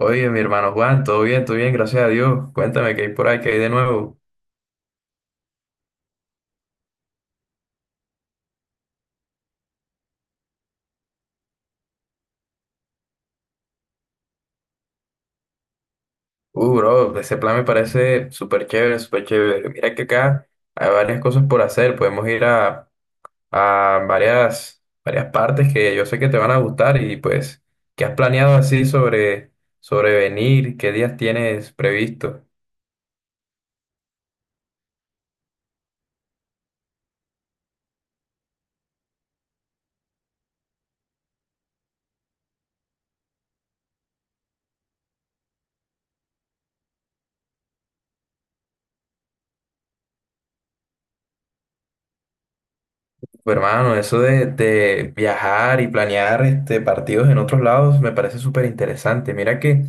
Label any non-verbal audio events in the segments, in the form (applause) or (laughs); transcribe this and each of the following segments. Oye, mi hermano Juan, todo bien, gracias a Dios. Cuéntame qué hay por ahí, qué hay de nuevo. Bro, ese plan me parece súper chévere, súper chévere. Mira que acá hay varias cosas por hacer. Podemos ir a varias, varias partes que yo sé que te van a gustar y pues, ¿qué has planeado así sobre venir? ¿Qué días tienes previsto? Pues, hermano, eso de viajar y planear este, partidos en otros lados me parece súper interesante. Mira que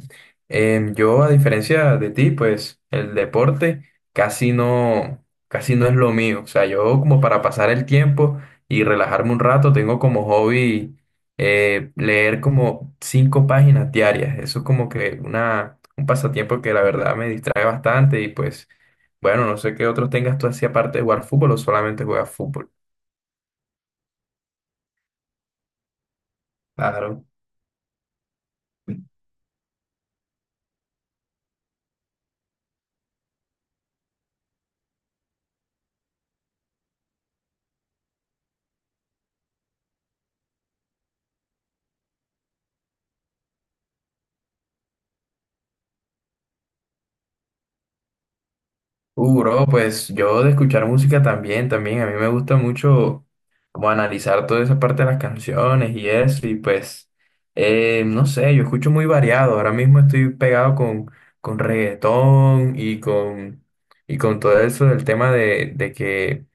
yo, a diferencia de ti, pues el deporte casi no, casi no es lo mío. O sea, yo como para pasar el tiempo y relajarme un rato, tengo como hobby leer como 5 páginas diarias. Eso es como que una, un pasatiempo que la verdad me distrae bastante y pues, bueno, no sé qué otros tengas tú así aparte de jugar fútbol o solamente juegas fútbol. Claro. Bro, pues yo de escuchar música también, también. A mí me gusta mucho como analizar toda esa parte de las canciones y eso. Y pues, no sé, yo escucho muy variado. Ahora mismo estoy pegado con reggaetón y con todo eso del tema de que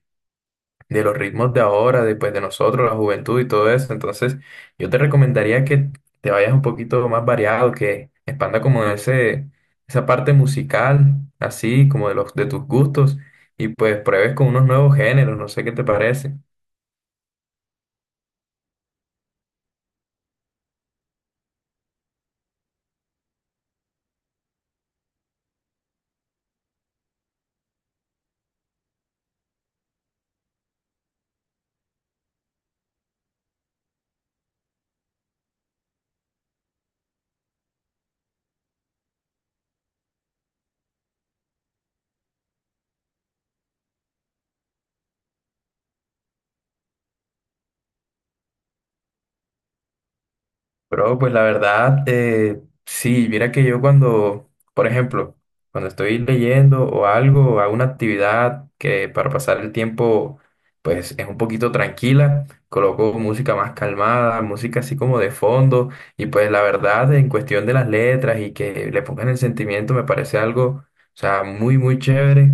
de los ritmos de ahora, después de nosotros, la juventud y todo eso. Entonces, yo te recomendaría que te vayas un poquito más variado, que expanda como esa parte musical, así como de los de tus gustos, y pues pruebes con unos nuevos géneros, no sé qué te parece. Bro, pues la verdad, sí, mira que yo cuando, por ejemplo, cuando estoy leyendo o algo, o hago una actividad que para pasar el tiempo, pues es un poquito tranquila, coloco música más calmada, música así como de fondo, y pues la verdad, en cuestión de las letras y que le pongan el sentimiento, me parece algo, o sea, muy, muy chévere,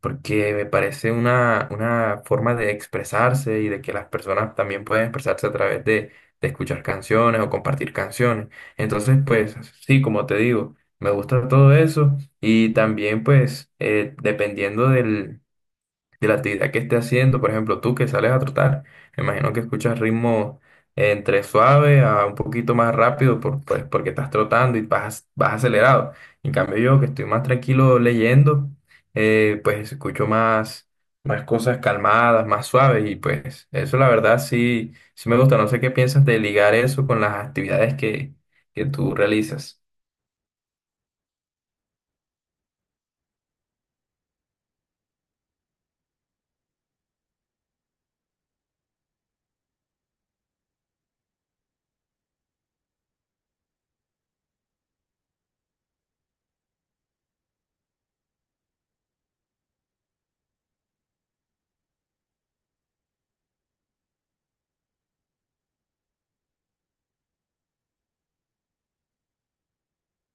porque me parece una forma de expresarse y de que las personas también pueden expresarse a través de escuchar canciones o compartir canciones. Entonces, pues sí, como te digo, me gusta todo eso y también pues dependiendo de la actividad que esté haciendo. Por ejemplo, tú que sales a trotar, me imagino que escuchas ritmos entre suave a un poquito más rápido pues, porque estás trotando y vas, vas acelerado. En cambio, yo que estoy más tranquilo leyendo, pues escucho más, más cosas calmadas, más suaves y pues eso la verdad sí, sí me gusta. No sé qué piensas de ligar eso con las actividades que tú realizas.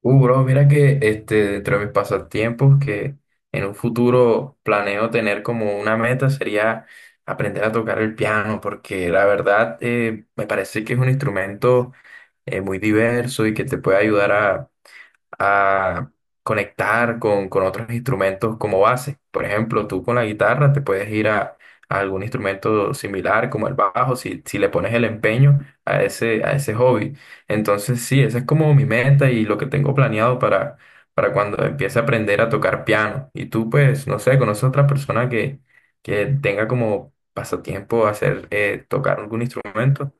Bro, mira que este, dentro de mis pasatiempos, que en un futuro planeo tener como una meta sería aprender a tocar el piano, porque la verdad me parece que es un instrumento muy diverso y que te puede ayudar a conectar con otros instrumentos como base. Por ejemplo, tú con la guitarra te puedes ir a algún instrumento similar como el bajo si, si le pones el empeño a ese hobby. Entonces, sí, esa es como mi meta y lo que tengo planeado para cuando empiece a aprender a tocar piano. Y tú, pues, no sé, conoces a otra persona que tenga como pasatiempo hacer, tocar algún instrumento.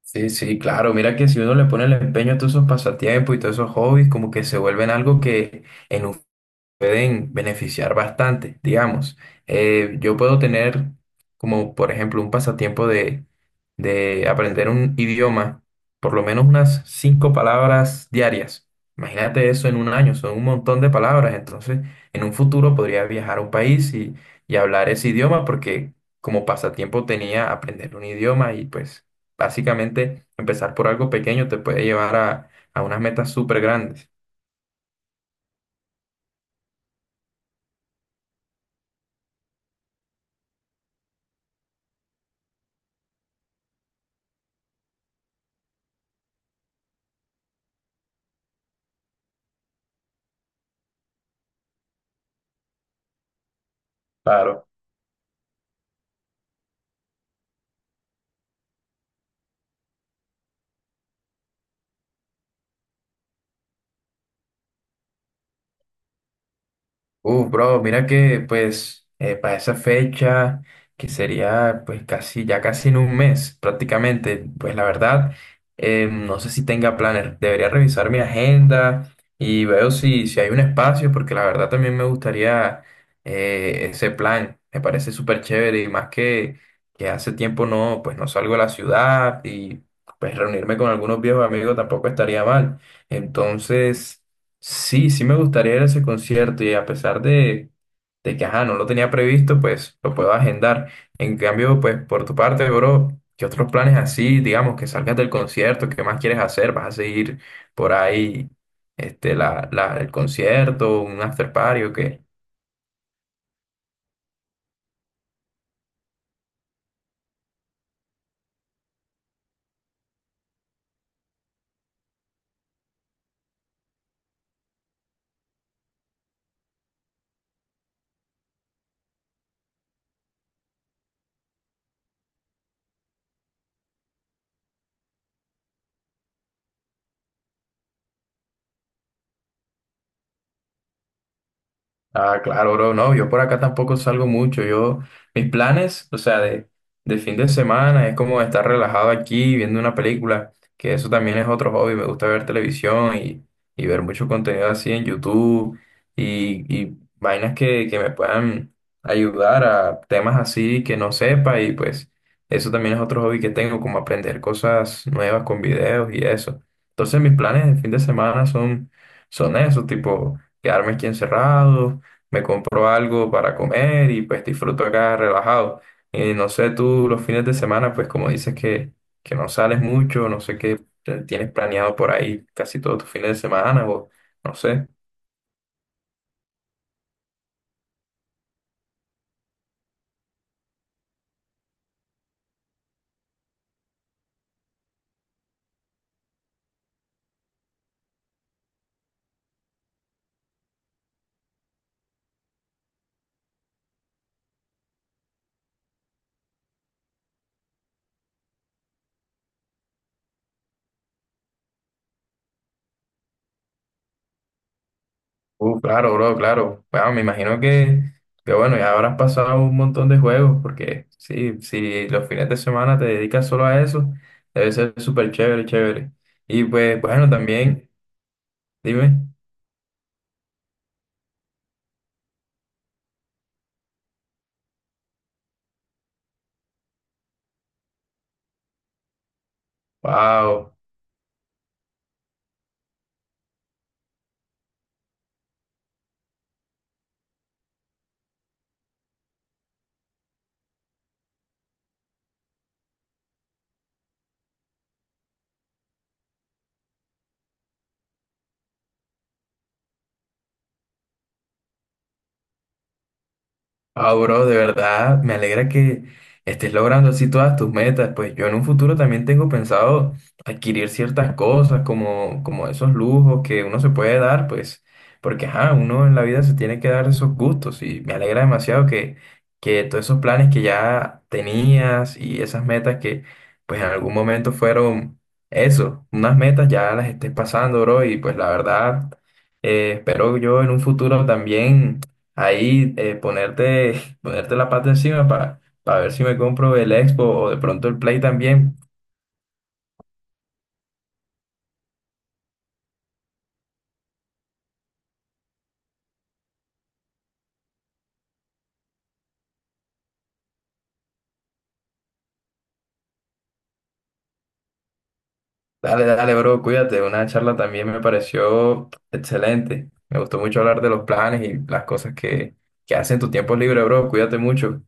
Sí, sí, claro. Mira que si uno le pone el empeño a todos esos pasatiempos y todos esos hobbies, como que se vuelven algo que en un pueden beneficiar bastante, digamos. Yo puedo tener como, por ejemplo, un pasatiempo de aprender un idioma, por lo menos unas 5 palabras diarias. Imagínate eso en un año, son un montón de palabras. Entonces, en un futuro podría viajar a un país y hablar ese idioma porque como pasatiempo tenía aprender un idioma y pues básicamente empezar por algo pequeño te puede llevar a unas metas súper grandes. Claro. Bro, mira que pues para esa fecha, que sería pues casi, ya casi en 1 mes prácticamente, pues la verdad, no sé si tenga planes, debería revisar mi agenda y veo si, si hay un espacio, porque la verdad también me gustaría ese plan, me parece súper chévere y más que hace tiempo no, pues no salgo a la ciudad y pues reunirme con algunos viejos amigos tampoco estaría mal. Entonces... Sí, sí me gustaría ir a ese concierto y a pesar de que, ajá, no lo tenía previsto, pues lo puedo agendar. En cambio, pues por tu parte, bro, ¿qué otros planes así, digamos, que salgas del concierto, qué más quieres hacer? ¿Vas a seguir por ahí, este, el concierto, un after party o qué? Ah, claro, bro. No, yo por acá tampoco salgo mucho. Yo, mis planes, o sea, de fin de semana es como estar relajado aquí viendo una película, que eso también es otro hobby. Me gusta ver televisión y ver mucho contenido así en YouTube y vainas que me puedan ayudar a temas así que no sepa y pues eso también es otro hobby que tengo, como aprender cosas nuevas con videos y eso. Entonces mis planes de fin de semana son, son eso, tipo quedarme aquí encerrado me compro algo para comer y pues disfruto acá relajado. Y no sé, tú los fines de semana, pues como dices que no sales mucho, no sé qué tienes planeado por ahí casi todos tus fines de semana o no sé. Claro, bro, claro. Bueno, me imagino que bueno, ya habrás pasado un montón de juegos porque sí, si los fines de semana te dedicas solo a eso, debe ser súper chévere, chévere. Y pues bueno, también, dime, wow. Ah, bro, de verdad, me alegra que estés logrando así todas tus metas. Pues yo en un futuro también tengo pensado adquirir ciertas cosas como, como esos lujos que uno se puede dar, pues, porque ajá, uno en la vida se tiene que dar esos gustos y me alegra demasiado que todos esos planes que ya tenías y esas metas que pues en algún momento fueron eso, unas metas ya las estés pasando, bro, y pues la verdad, espero yo en un futuro también ahí ponerte, (laughs) ponerte la pata encima para ver si me compro el Expo o de pronto el Play también. Dale, dale, bro, cuídate. Una charla también me pareció excelente. Me gustó mucho hablar de los planes y las cosas que hacen en tu tiempo libre, bro. Cuídate mucho.